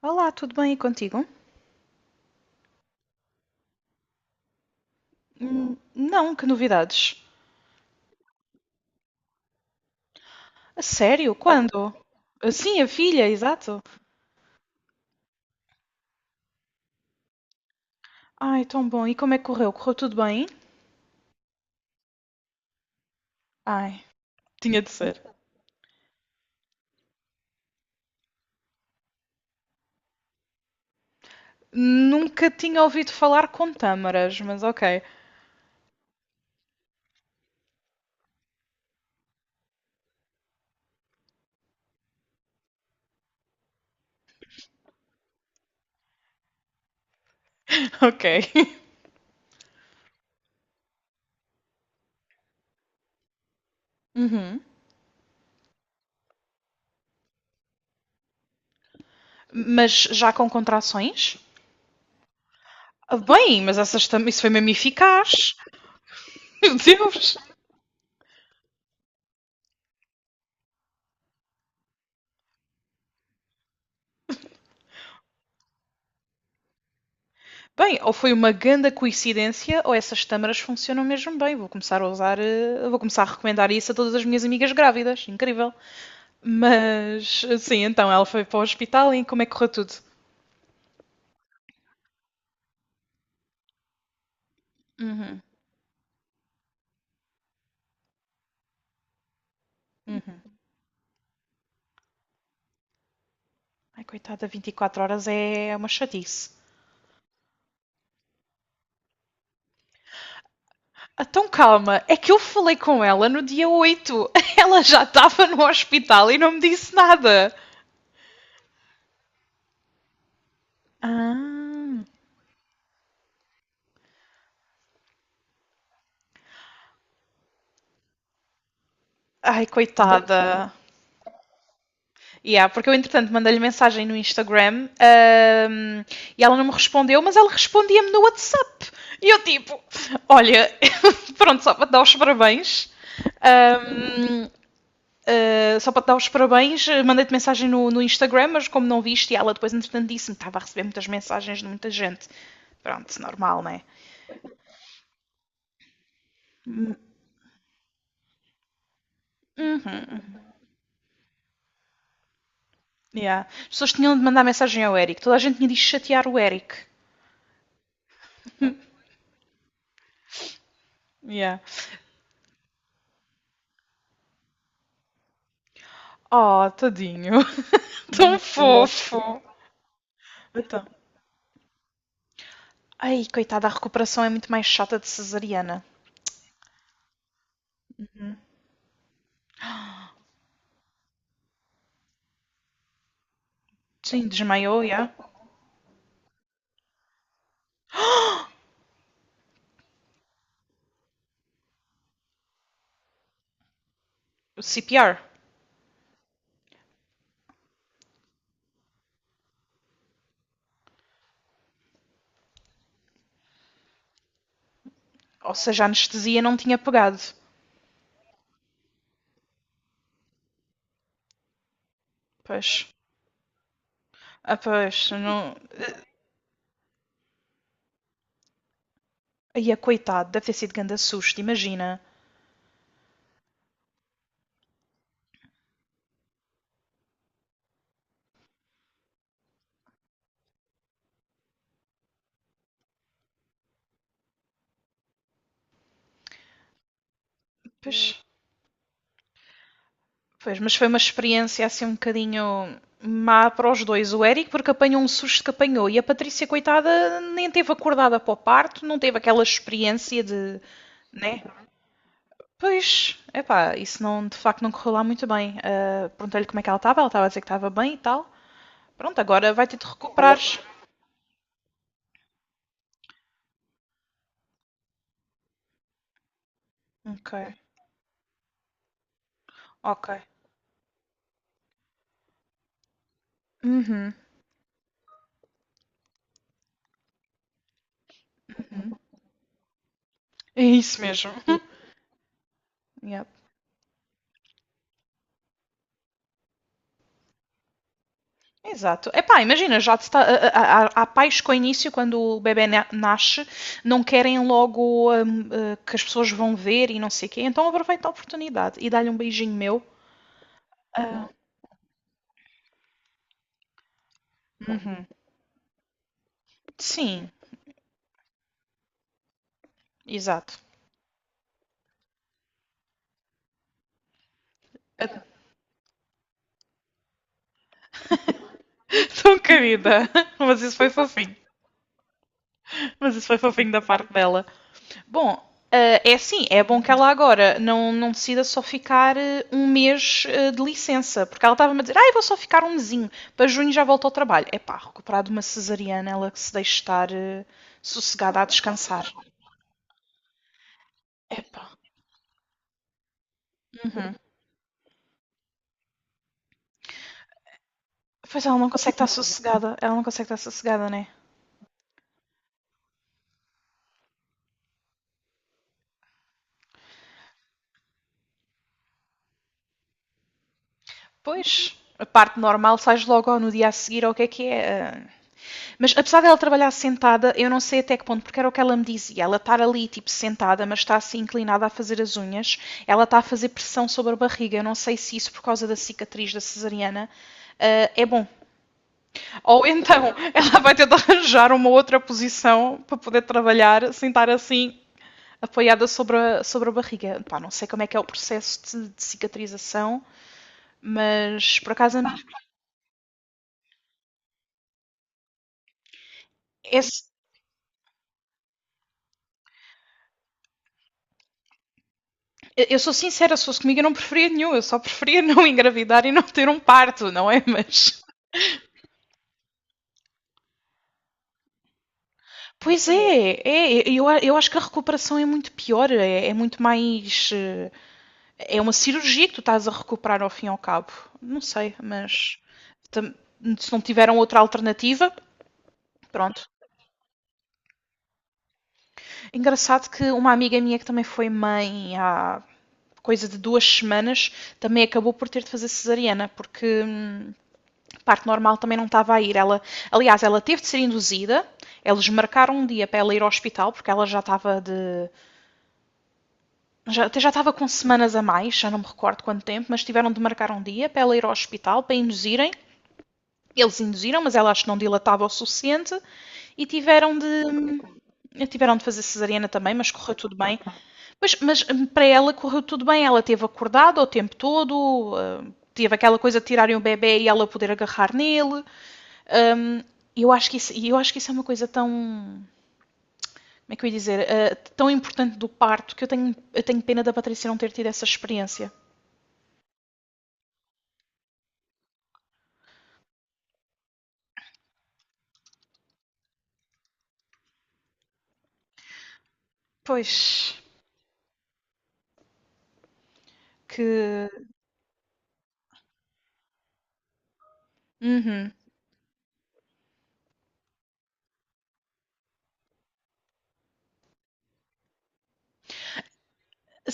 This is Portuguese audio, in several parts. Olá, tudo bem aí contigo? Não, que novidades? A sério? Quando? Sim, a filha, exato. Ai, tão bom. E como é que correu? Correu tudo bem? Ai, tinha de ser. Nunca tinha ouvido falar com tâmaras, mas ok. Ok. Uhum. Mas já com contrações? Bem, mas isso foi mesmo eficaz. Meu Deus! Bem, ou foi uma grande coincidência, ou essas tâmaras funcionam mesmo bem. Vou começar a usar, vou começar a recomendar isso a todas as minhas amigas grávidas. Incrível. Mas, sim, então ela foi para o hospital e como é que correu tudo? Uhum. Ai, coitada, 24 horas é uma chatice. Então calma, é que eu falei com ela no dia 8. Ela já estava no hospital e não me disse nada. Ah. Ai, coitada. Yeah, porque eu, entretanto, mandei-lhe mensagem no Instagram e ela não me respondeu, mas ela respondia-me no WhatsApp. E eu, tipo, olha, pronto, só para te dar os parabéns. ahm, só para te dar os parabéns, mandei-te mensagem no Instagram, mas como não viste, e ela depois, entretanto, disse-me que estava a receber muitas mensagens de muita gente. Pronto, normal, né? Uhum. Yeah. As pessoas tinham de mandar mensagem ao Eric. Toda a gente tinha de chatear o Eric. Yeah. Oh, tadinho. Tão fofo. Então. Ai, coitada, a recuperação é muito mais chata de cesariana. Sim, desmaiou, já. CPR. Ou seja, a anestesia não tinha pegado. Pois. Ah, pois, não. Ai, a coitada deve ter sido grande susto, imagina. Pois. Pois, mas foi uma experiência assim um bocadinho má para os dois. O Eric, porque apanhou um susto que apanhou, e a Patrícia, coitada, nem teve acordada para o parto, não teve aquela experiência de. Né? Pois, epá, isso não, de facto não correu lá muito bem. Ah, perguntei-lhe como é que ela estava a dizer que estava bem e tal. Pronto, agora vai ter de recuperares. Ok, ok. Uhum. É isso mesmo. Yep. Exato. Epá, imagina, já te está, há, há- há pais que ao início, quando nasce, não querem logo que as pessoas vão ver e não sei o quê, então aproveita a oportunidade e dá-lhe um beijinho meu. Ah, sim, exato. Tão querida. Mas isso foi fofinho. Mas isso foi fofinho da parte dela. Bom, é assim, é bom que ela agora não, não decida só ficar 1 mês de licença, porque ela estava-me a dizer, ah, eu vou só ficar um mesinho, para junho já volto ao trabalho. Epá, recuperar de uma cesariana, ela que se deixe estar sossegada a descansar. Epá. Uhum. Pois ela não consegue estar sossegada, né? Pois, a parte normal sais logo no dia a seguir, ou o que é que é? Eh, Mas apesar dela trabalhar sentada, eu não sei até que ponto, porque era o que ela me dizia. Ela está ali, tipo, sentada, mas está assim inclinada a fazer as unhas, ela está a fazer pressão sobre a barriga. Eu não sei se isso, por causa da cicatriz da cesariana. É bom. Ou então ela vai ter de arranjar uma outra posição para poder trabalhar sentar assim apoiada sobre sobre a barriga. Pá, não sei como é que é o processo de cicatrização, mas por acaso esse. Eu sou sincera, se fosse comigo eu não preferia nenhum, eu só preferia não engravidar e não ter um parto, não é? Mas. Pois é, eu acho que a recuperação é muito pior, é muito mais. Eh, É uma cirurgia que tu estás a recuperar ao fim e ao cabo. Não sei, mas. Se não tiveram outra alternativa, pronto. Engraçado que uma amiga minha que também foi mãe há coisa de 2 semanas também acabou por ter de fazer cesariana, porque parto normal também não estava a ir. Ela, aliás, ela teve de ser induzida. Eles marcaram um dia para ela ir ao hospital, porque ela já estava de. Já, até já estava com semanas a mais, já não me recordo quanto tempo, mas tiveram de marcar um dia para ela ir ao hospital para induzirem. Eles induziram, mas ela acho que não dilatava o suficiente e tiveram de. Tiveram de fazer cesariana também, mas correu tudo bem. Mas, mas para ela correu tudo bem, ela teve acordada o tempo todo. Teve aquela coisa de tirarem o bebê e ela poder agarrar nele. Um, eu acho que isso, eu acho que isso é uma coisa tão, como é que eu ia dizer, tão importante do parto que eu tenho pena da Patrícia não ter tido essa experiência. Pois. Que. Uhum.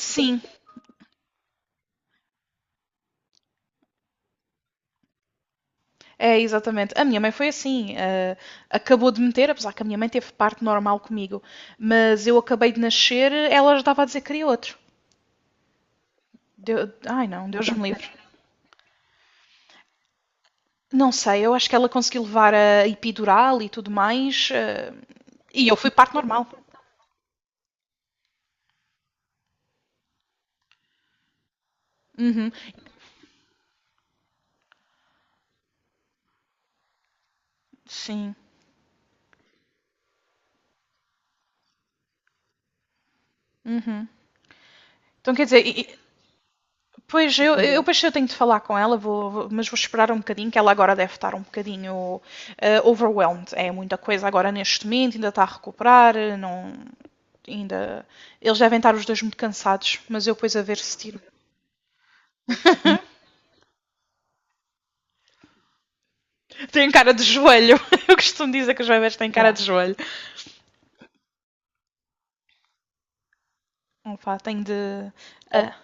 Sim, é exatamente. A minha mãe foi assim. Uh, acabou de meter, apesar que a minha mãe teve parto normal comigo, mas eu acabei de nascer, ela já estava a dizer que queria outro. Ai não, Deus me livre. Não sei, eu acho que ela conseguiu levar a epidural e tudo mais, e eu fui parto normal. Uhum. Sim. Uhum. Então quer dizer, pois eu depois eu tenho de falar com ela, mas vou esperar um bocadinho, que ela agora deve estar um bocadinho overwhelmed. É muita coisa agora neste momento, ainda está a recuperar, eh, não, ainda. Eles devem estar os dois muito cansados, mas eu depois a ver se tiro. Tem cara de joelho. Eu costumo dizer que os bebés têm cara de joelho. Opa, tenho de. Ah,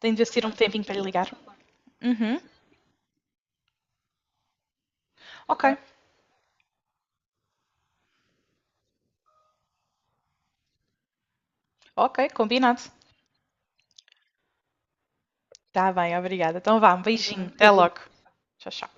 tenho de ver se tiro um tempinho para lhe ligar. Uhum. Ok, ok, combinado. Tá bem, obrigada. Então vá, um beijinho, até logo. Tchau, tchau.